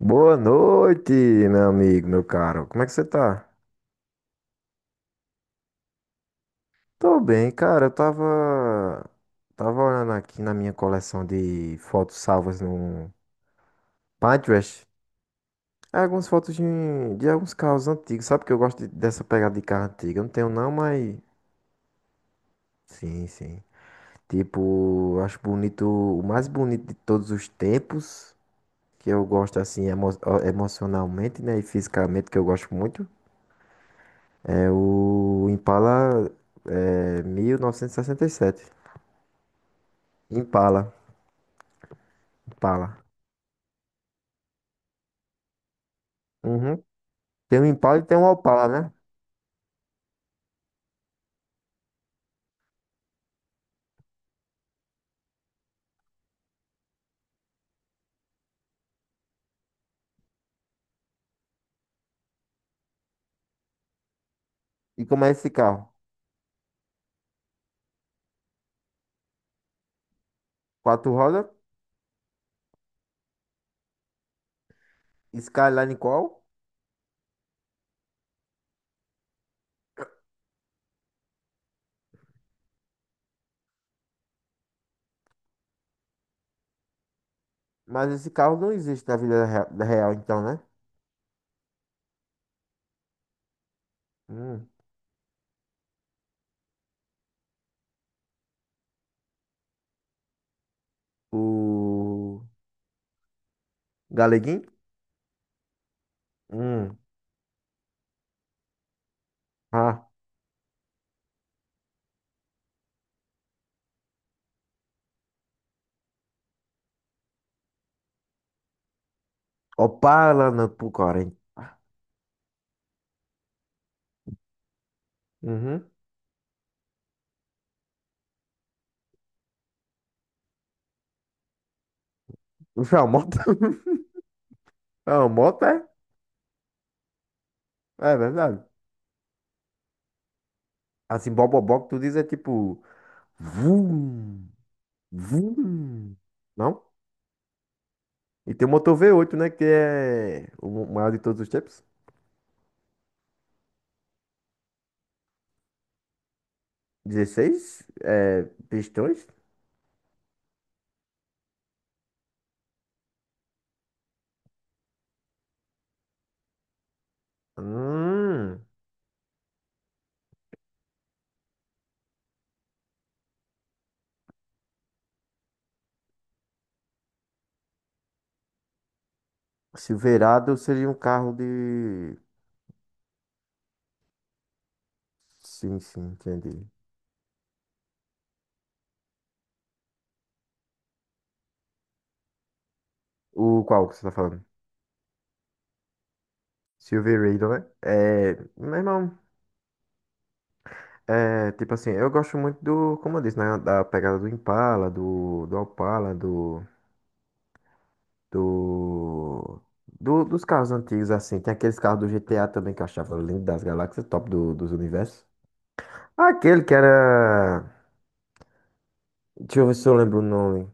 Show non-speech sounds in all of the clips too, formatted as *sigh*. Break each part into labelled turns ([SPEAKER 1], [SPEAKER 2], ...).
[SPEAKER 1] Boa noite, meu amigo, meu caro. Como é que você tá? Tô bem, cara. Eu tava olhando aqui na minha coleção de fotos salvas no Pinterest. É, algumas fotos de alguns carros antigos. Sabe que eu gosto dessa pegada de carro antigo? Eu não tenho não, mas sim, sim. Tipo, eu acho bonito, o mais bonito de todos os tempos, que eu gosto assim emocionalmente, né, e fisicamente, que eu gosto muito. É o Impala, é, mil novecentos e sessenta e sete. Impala, Impala. Uhum. Tem um Impala e tem um Opala, né? E como é esse carro? Quatro rodas. Skyline qual? Mas esse carro não existe na vida real, então, né? Hum. O Galeguinho? Hum. Ah, Opala não, pro Corinthians. Uhum. Isso é uma moto? *laughs* É uma moto, é? É verdade. Assim, bobobó que tu diz é tipo... Vum, vum. Não? E tem o motor V8, né? Que é o maior de todos os tempos. 16 é, pistões. Hum. Silverado seria um carro de. Sim, sim, entendi. O qual que você tá falando? Silverado, né? É, meu irmão, é, tipo assim, eu gosto muito do, como eu disse, né, da pegada do Impala, do Opala, do, dos carros antigos, assim. Tem aqueles carros do GTA também que eu achava lindo das galáxias, top dos universos. Aquele que era. Deixa eu ver se eu lembro o nome.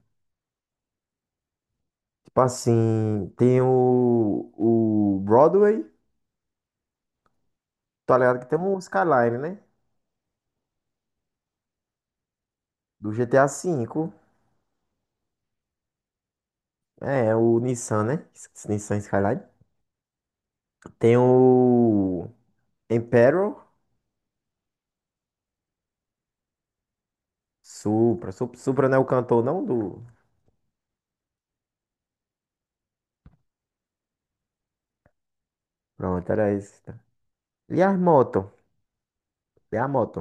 [SPEAKER 1] Tipo assim, tem o Broadway, tá ligado? Que tem um Skyline, né? Do GTA V. É o Nissan, né? Nissan Skyline. Tem o Imperial, Supra. Supra não é o cantor, não? Do... Pronto, era esse. Tá? E as motos? E a moto?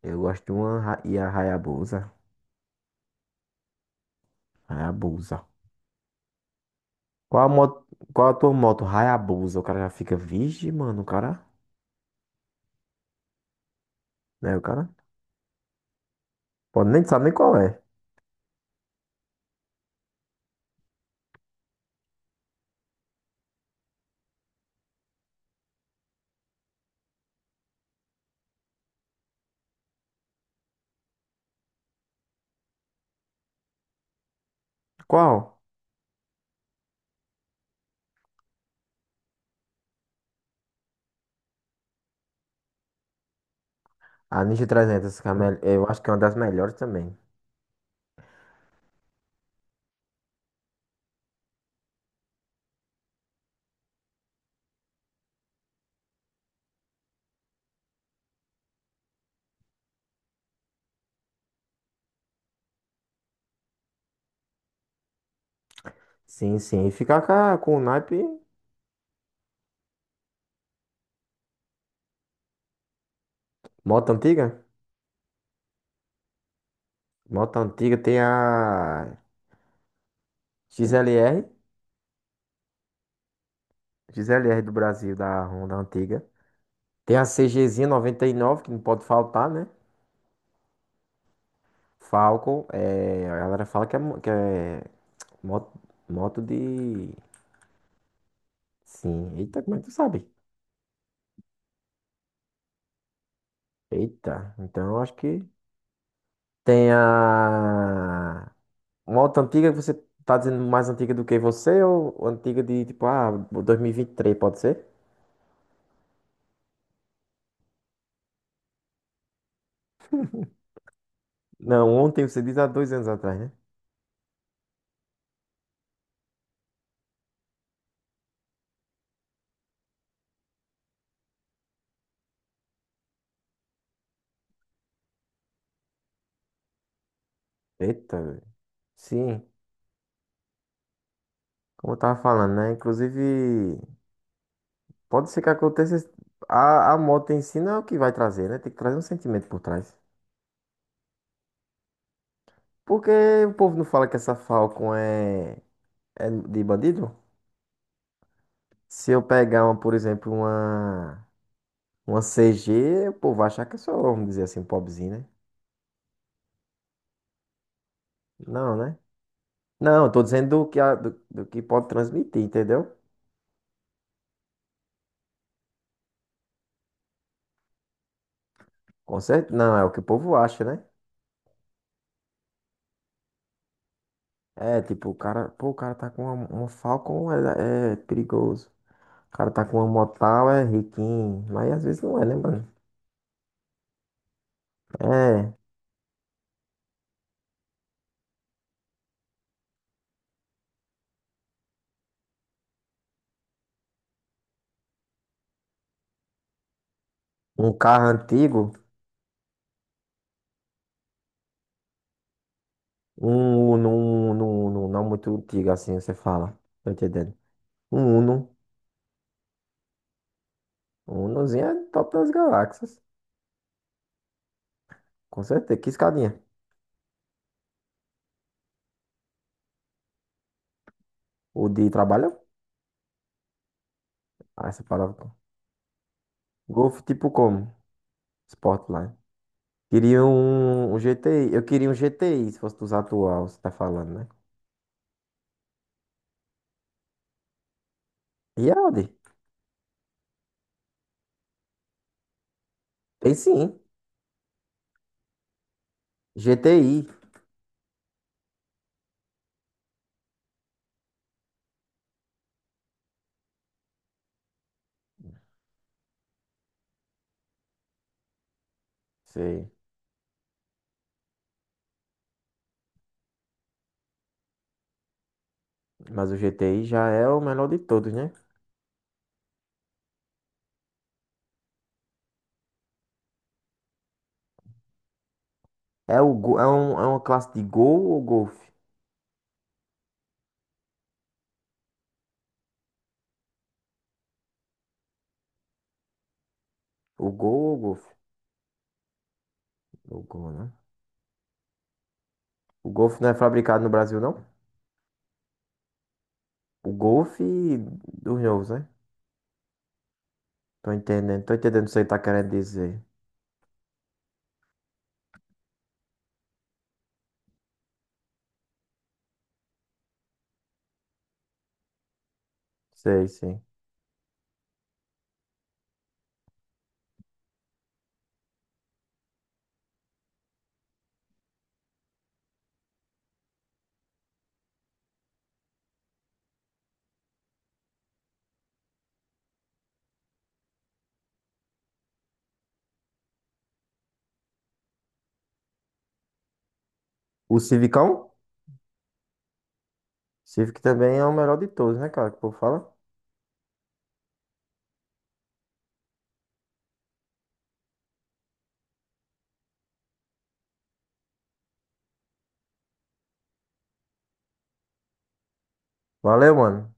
[SPEAKER 1] Eu gosto de uma e a Hayabusa. Hayabusa. Qual a moto? Qual a tua moto? Hayabusa. O cara já fica, vixe, mano, o cara. Né, o cara? Pô, nem sabe nem qual é. Qual? A Ninja 300, que é a eu acho que é uma das melhores também. Sim, sim. E ficar com, com o naipe. Moto antiga? Moto antiga tem a XLR. XLR do Brasil, da Honda antiga. Tem a CGzinha 99, que não pode faltar, né? Falcon. É, a galera fala que é, que é moto, moto de. Sim. Eita, como é que tu sabe? Eita. Então eu acho que. Tem a. Uma moto antiga, que você tá dizendo mais antiga do que você ou antiga de tipo, ah, 2023, pode ser? Não, ontem você diz há 2 anos atrás, né? Eita, velho. Sim, como eu tava falando, né? Inclusive, pode ser que aconteça. A moto em si não é o que vai trazer, né? Tem que trazer um sentimento por trás. Porque o povo não fala que essa Falcon é de bandido? Se eu pegar uma, por exemplo, uma, CG, o povo vai achar que eu sou, vamos dizer assim, um pobrezinho, né? Não, né? Não, eu tô dizendo do que, do que pode transmitir, entendeu? Com certeza. Não, é o que o povo acha, né? É, tipo, o cara, pô, o cara tá com uma Falcon, é perigoso. O cara tá com uma Motal, é riquinho. Mas às vezes não é, né, mano? É, um carro antigo, um Uno, não muito antigo assim, você fala. Tô entendendo. Um Uno. Um Unozinho é top das galáxias. Com certeza. Que escadinha. O de trabalho? Ah, essa palavra. Golf tipo como? Sportline. Queria um GTI. Eu queria um GTI, se fosse dos atual, você tá falando, né? E Audi? Tem sim. GTI. Sei. Mas o GTI já é o melhor de todos, né? É, o, Go- é, um, é uma classe de Gol ou Golf? O Gol ou Golf? O Gol, né? O Golf não é fabricado no Brasil, não? O Golf dos novos, né? Tô entendendo. Tô entendendo o que você tá querendo dizer. Sei, sim. O Civicão? Civic também é o melhor de todos, né, cara? Que o povo fala. Valeu, mano.